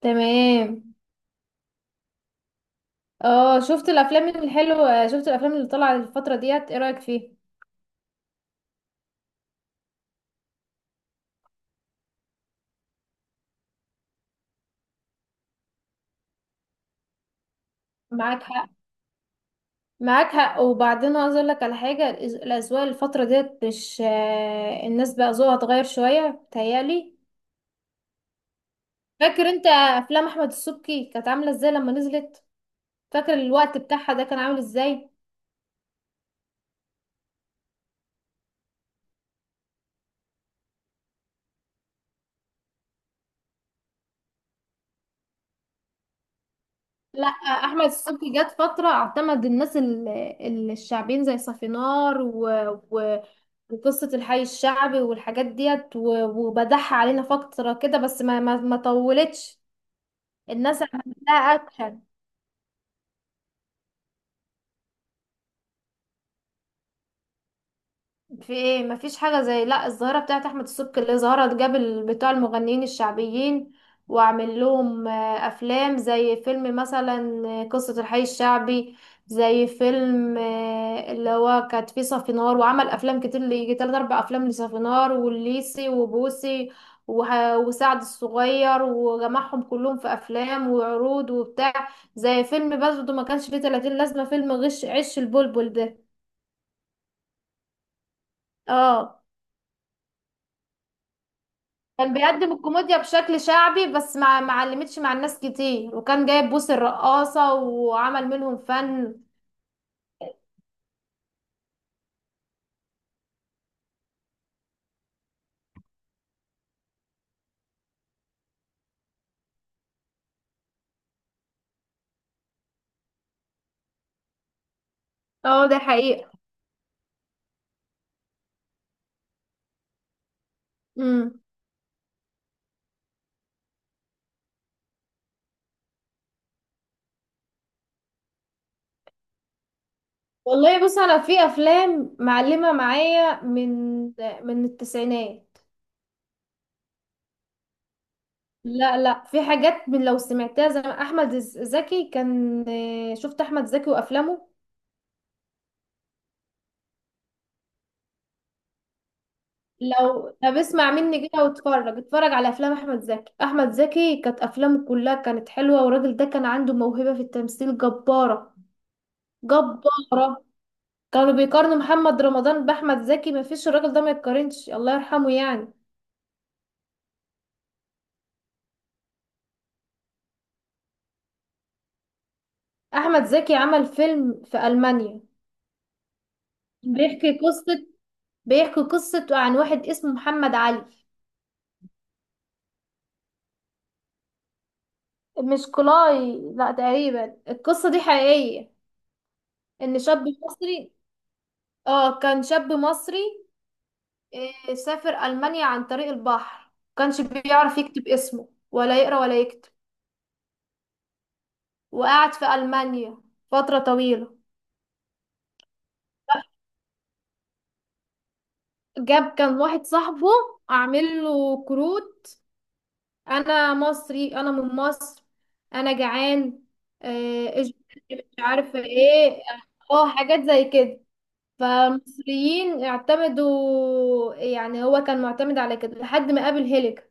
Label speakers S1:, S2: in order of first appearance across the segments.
S1: تمام. اه شفت الافلام اللي طالعه الفتره ديت، ايه رايك فيها؟ معاك حق. معاك حق، وبعدين عايز اقول لك على حاجه. الاذواق الفتره ديت مش الناس بقى ذوقها اتغير شويه بتهيالي. فاكر انت افلام احمد السبكي كانت عامله ازاي لما نزلت؟ فاكر الوقت بتاعها ده كان عامل ازاي؟ لا، احمد السبكي جت فتره اعتمد الناس الشعبيين زي صافينار و... و... وقصه الحي الشعبي والحاجات ديت وبدح علينا فتره كده، بس ما طولتش. الناس عملتها اكشن. في ايه، مفيش حاجة زي لا الظاهرة بتاعت احمد السبكي اللي ظهرت جاب بتوع المغنيين الشعبيين، وعمل لهم افلام زي فيلم مثلا قصة الحي الشعبي، زي فيلم اللي هو كانت فيه صفينار، وعمل افلام كتير اللي يجي تلات اربع افلام لصفينار والليسي وبوسي وسعد الصغير، وجمعهم كلهم في افلام وعروض وبتاع. زي فيلم برضه ما كانش فيه 30 لازمة فيلم غش عش البلبل ده. اه، كان بيقدم الكوميديا بشكل شعبي، بس ما علمتش مع الناس كتير، وكان جايب بوس الرقاصة وعمل منهم فن. اه، ده حقيقة. امم. والله بص، انا في افلام معلمة معايا من التسعينات. لا لا، في حاجات من لو سمعتها زي ما احمد زكي كان. شفت احمد زكي وافلامه؟ لو طب اسمع مني كده واتفرج، اتفرج على افلام احمد زكي. احمد زكي كانت افلامه كلها كانت حلوة، والراجل ده كان عنده موهبة في التمثيل جبارة. جبارة. كانوا بيقارنوا محمد رمضان بأحمد زكي، مفيش، الراجل ده ما يتقارنش، الله يرحمه يعني. أحمد زكي عمل فيلم في ألمانيا. بيحكي قصة بيحكي قصة عن واحد اسمه محمد علي. مش كلاي، لا، تقريبا القصة دي حقيقية. إن شاب مصري. اه، كان شاب مصري، سافر ألمانيا عن طريق البحر، كانش بيعرف يكتب اسمه ولا يقرأ ولا يكتب. وقعد في ألمانيا فترة طويلة. جاب كان واحد صاحبه اعمل له كروت: انا مصري، انا من مصر، انا جعان، ايش، مش عارفه ايه. اه، حاجات زي كده. فالمصريين اعتمدوا، يعني هو كان معتمد على كده لحد ما قابل هيلر.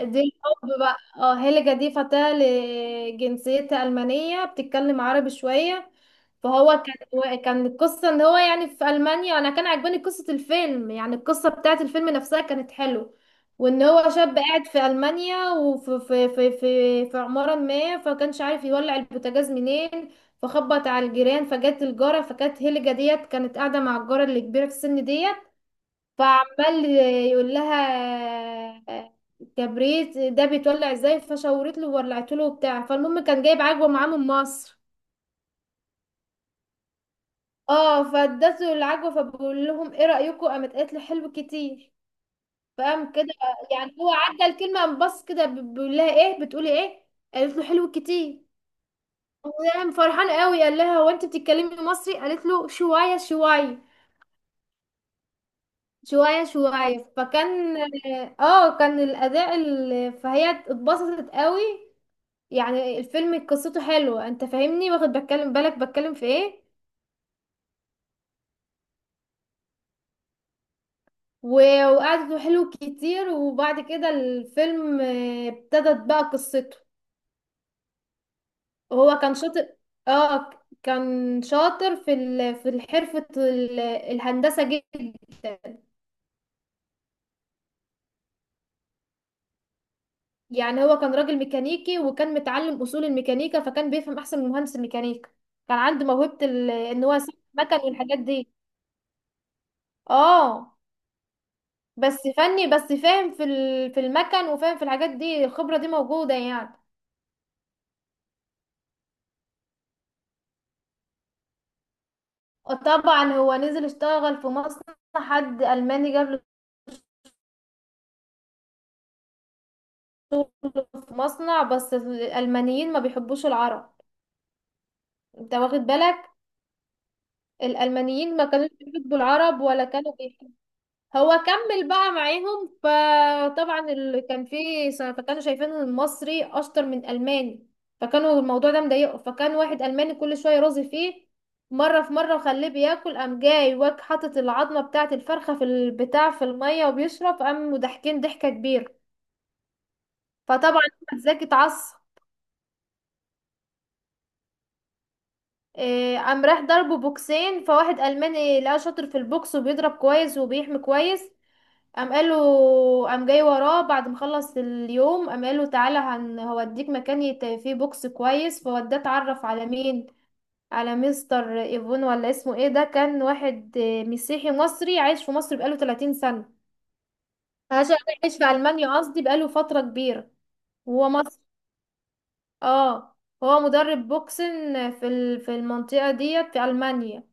S1: دي الحب بقى. اه، هيلجا دي فتاة لجنسيتها ألمانية بتتكلم عربي شوية. فهو كان القصة ان هو يعني في ألمانيا، انا كان عجباني قصة الفيلم، يعني القصة بتاعت الفيلم نفسها كانت حلو. وان هو شاب قاعد في ألمانيا، وفي في في في, في عمارة ما، فكانش عارف يولع البوتاجاز منين. فخبط على الجيران، فجت الجارة، فكانت هيلجا ديت كانت قاعدة مع الجارة اللي كبيرة في السن ديت. فعمال يقول لها كبريت ده بيتولع ازاي، فشورت له وولعت له وبتاع. فالمهم كان جايب عجوه معاه من مصر. اه، فادته العجوه. فبقول لهم ايه رايكم، قامت قالت له حلو كتير. فقام كده، يعني هو عدى الكلمه، قام بص كده بيقول لها ايه بتقولي ايه. قالت له حلو كتير. قام فرحان قوي، قال لها هو انت بتتكلمي مصري، قالت له شويه شويه. شويه شويه. فكان، اه، كان الاداء فهي اتبسطت قوي. يعني الفيلم قصته حلوة، انت فاهمني واخد بتكلم بالك بتكلم في ايه. وقعدته حلو كتير. وبعد كده الفيلم ابتدت بقى قصته. هو كان شاطر. اه، كان شاطر في في حرفة الهندسة، جدا. يعني هو كان راجل ميكانيكي، وكان متعلم أصول الميكانيكا، فكان بيفهم أحسن من مهندس الميكانيكا. كان عنده موهبة ان هو يصنع مكن والحاجات دي. اه، بس فني، بس فاهم في المكن، وفاهم في الحاجات دي، الخبرة دي موجودة يعني. طبعا هو نزل اشتغل في مصنع، حد ألماني جاب له شغل في مصنع، بس الألمانيين ما بيحبوش العرب، انت واخد بالك. الألمانيين ما كانوش بيحبوا العرب ولا كانوا. هو كمل بقى معاهم، فطبعا اللي كان فيه فكانوا شايفين ان المصري اشطر من الماني، فكانوا الموضوع ده مضايقه. فكان واحد الماني كل شويه يرازي فيه، مره في مره، وخليه بياكل، قام جاي واك حاطط العظمه بتاعه الفرخه في البتاع في الميه وبيشرب، قام ضاحكين ضحكه كبيره. فطبعا احمد زكي اتعصب، إيه، قام راح ضربه بوكسين. فواحد الماني لقاه شاطر في البوكس، وبيضرب كويس وبيحمي كويس، قام قال له، قام جاي وراه بعد ما خلص اليوم، قام قال له تعالى هوديك مكان فيه بوكس كويس، فوداه اتعرف على مين، على مستر ايفون ولا اسمه ايه. ده كان واحد مسيحي مصري عايش في مصر بقاله 30 سنة. عشان عايش في ألمانيا، قصدي بقاله فترة كبيرة، وهو مصري. اه، هو مدرب بوكسن في في المنطقة ديت في ألمانيا.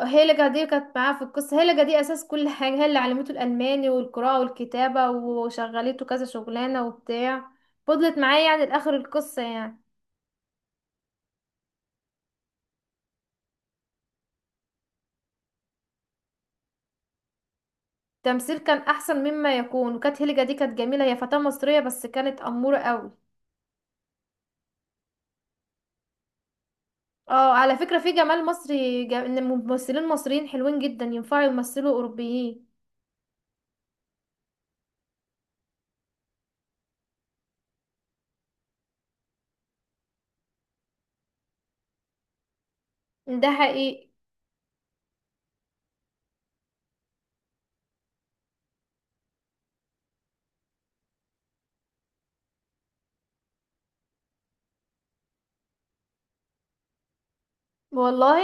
S1: هيلجا دي كانت معاه في القصة. هيلجا دي أساس كل حاجة، هي اللي علمته الألماني والقراءة والكتابة، وشغلته كذا شغلانة وبتاع. فضلت معاه يعني لآخر القصة يعني. التمثيل كان أحسن مما يكون، وكانت هيلجا دي كانت جميلة، هي فتاة مصرية بس كانت أمورة قوي. اه، على فكرة في جمال مصري، إن ممثلين مصريين حلوين جدا ينفعوا يمثلوا أوروبيين. ده حقيقي. والله.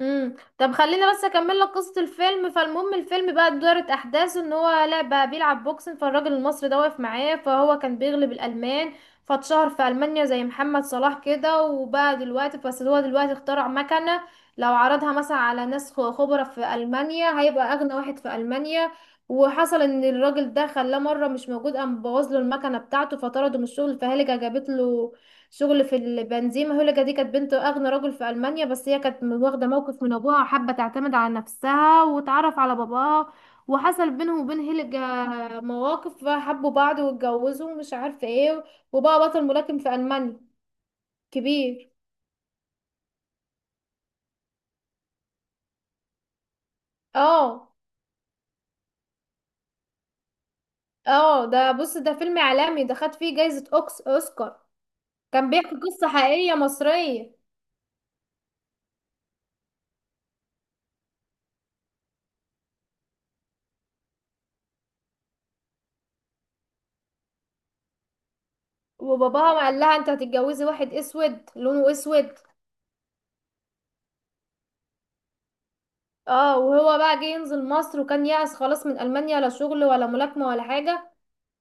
S1: امم. طب خليني بس اكمل لك قصه الفيلم. فالمهم الفيلم بقى دارت احداثه ان هو لا بقى بيلعب بوكسنج، فالراجل المصري ده واقف معاه، فهو كان بيغلب الالمان، فاتشهر في المانيا زي محمد صلاح كده. وبقى دلوقتي، بس هو دلوقتي اخترع مكنه، لو عرضها مثلا على ناس خبرة في المانيا هيبقى اغنى واحد في المانيا. وحصل ان الراجل ده خلاه مره مش موجود، قام بوظ له المكنه بتاعته، فطرده من الشغل. فهلجه جابت له شغل في البنزيمة. هولجا دي كانت بنت أغنى رجل في ألمانيا، بس هي كانت واخدة موقف من أبوها، وحابة تعتمد على نفسها وتعرف على باباها. وحصل بينهم وبين هيلجا مواقف، فحبوا بعض واتجوزوا ومش عارفة ايه، وبقى بطل ملاكم في ألمانيا كبير. اه. اه، ده بص ده فيلم إعلامي، ده خد فيه جايزة أوسكار. كان بيحكي قصة حقيقية مصرية. وباباها قال لها انت هتتجوزي واحد اسود، لونه اسود. اه، وهو بقى جه ينزل مصر، وكان يأس خلاص من ألمانيا، لا شغل ولا ملاكمة ولا حاجة.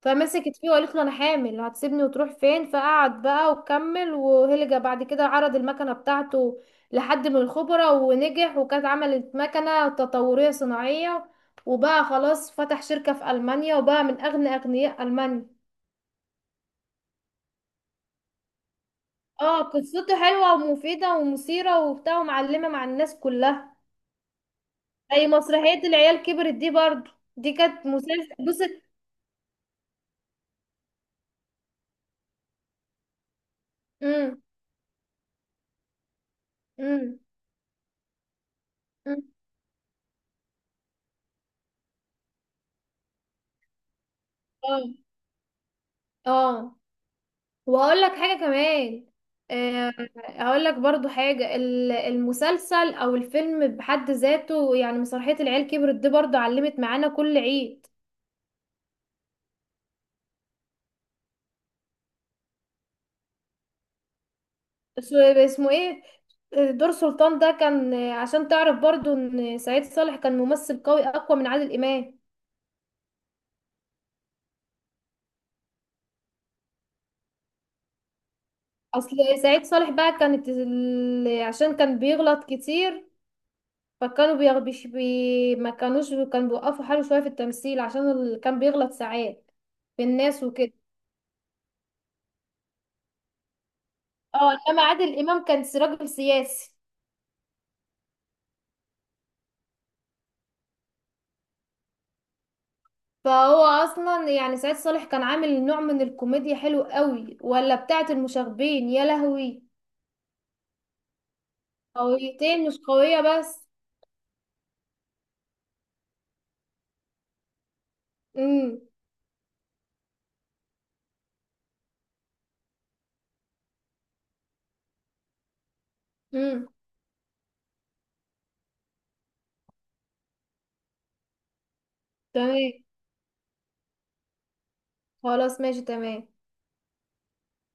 S1: فمسكت فيه وقالت له أنا حامل، هتسيبني وتروح فين. فقعد بقى وكمل، وهلجة بعد كده عرض المكنة بتاعته لحد من الخبراء ونجح، وكانت عملت مكنة تطورية صناعية. وبقى خلاص، فتح شركة في ألمانيا، وبقى من أغنى أغنياء ألمانيا. اه، قصته حلوة ومفيدة ومثيرة وبتاع ومعلمة مع الناس كلها. أي مسرحية العيال كبرت دي برضو، دي كانت مسلسل. بص. امم. اه. اه، واقول لك حاجه كمان. آه، اقول لك برضو حاجه المسلسل او الفيلم بحد ذاته، يعني مسرحيه العيال كبرت دي برضو علمت معانا كل عيد. اسمه ايه، دور سلطان ده كان، عشان تعرف برضو ان سعيد صالح كان ممثل قوي اقوى من عادل امام. اصل سعيد صالح بقى كانت عشان كان بيغلط كتير، فكانوا بيغبش ما كانوش كانوا بيوقفوا حاله شوية في التمثيل عشان كان بيغلط ساعات في الناس وكده. اه، انما عادل امام كان راجل سياسي. فهو اصلا يعني سعيد صالح كان عامل نوع من الكوميديا حلو قوي، ولا بتاعة المشاغبين يا لهوي. قويتين مش قوية بس. امم. امم. تمام. خلاص، ماشي، تمام.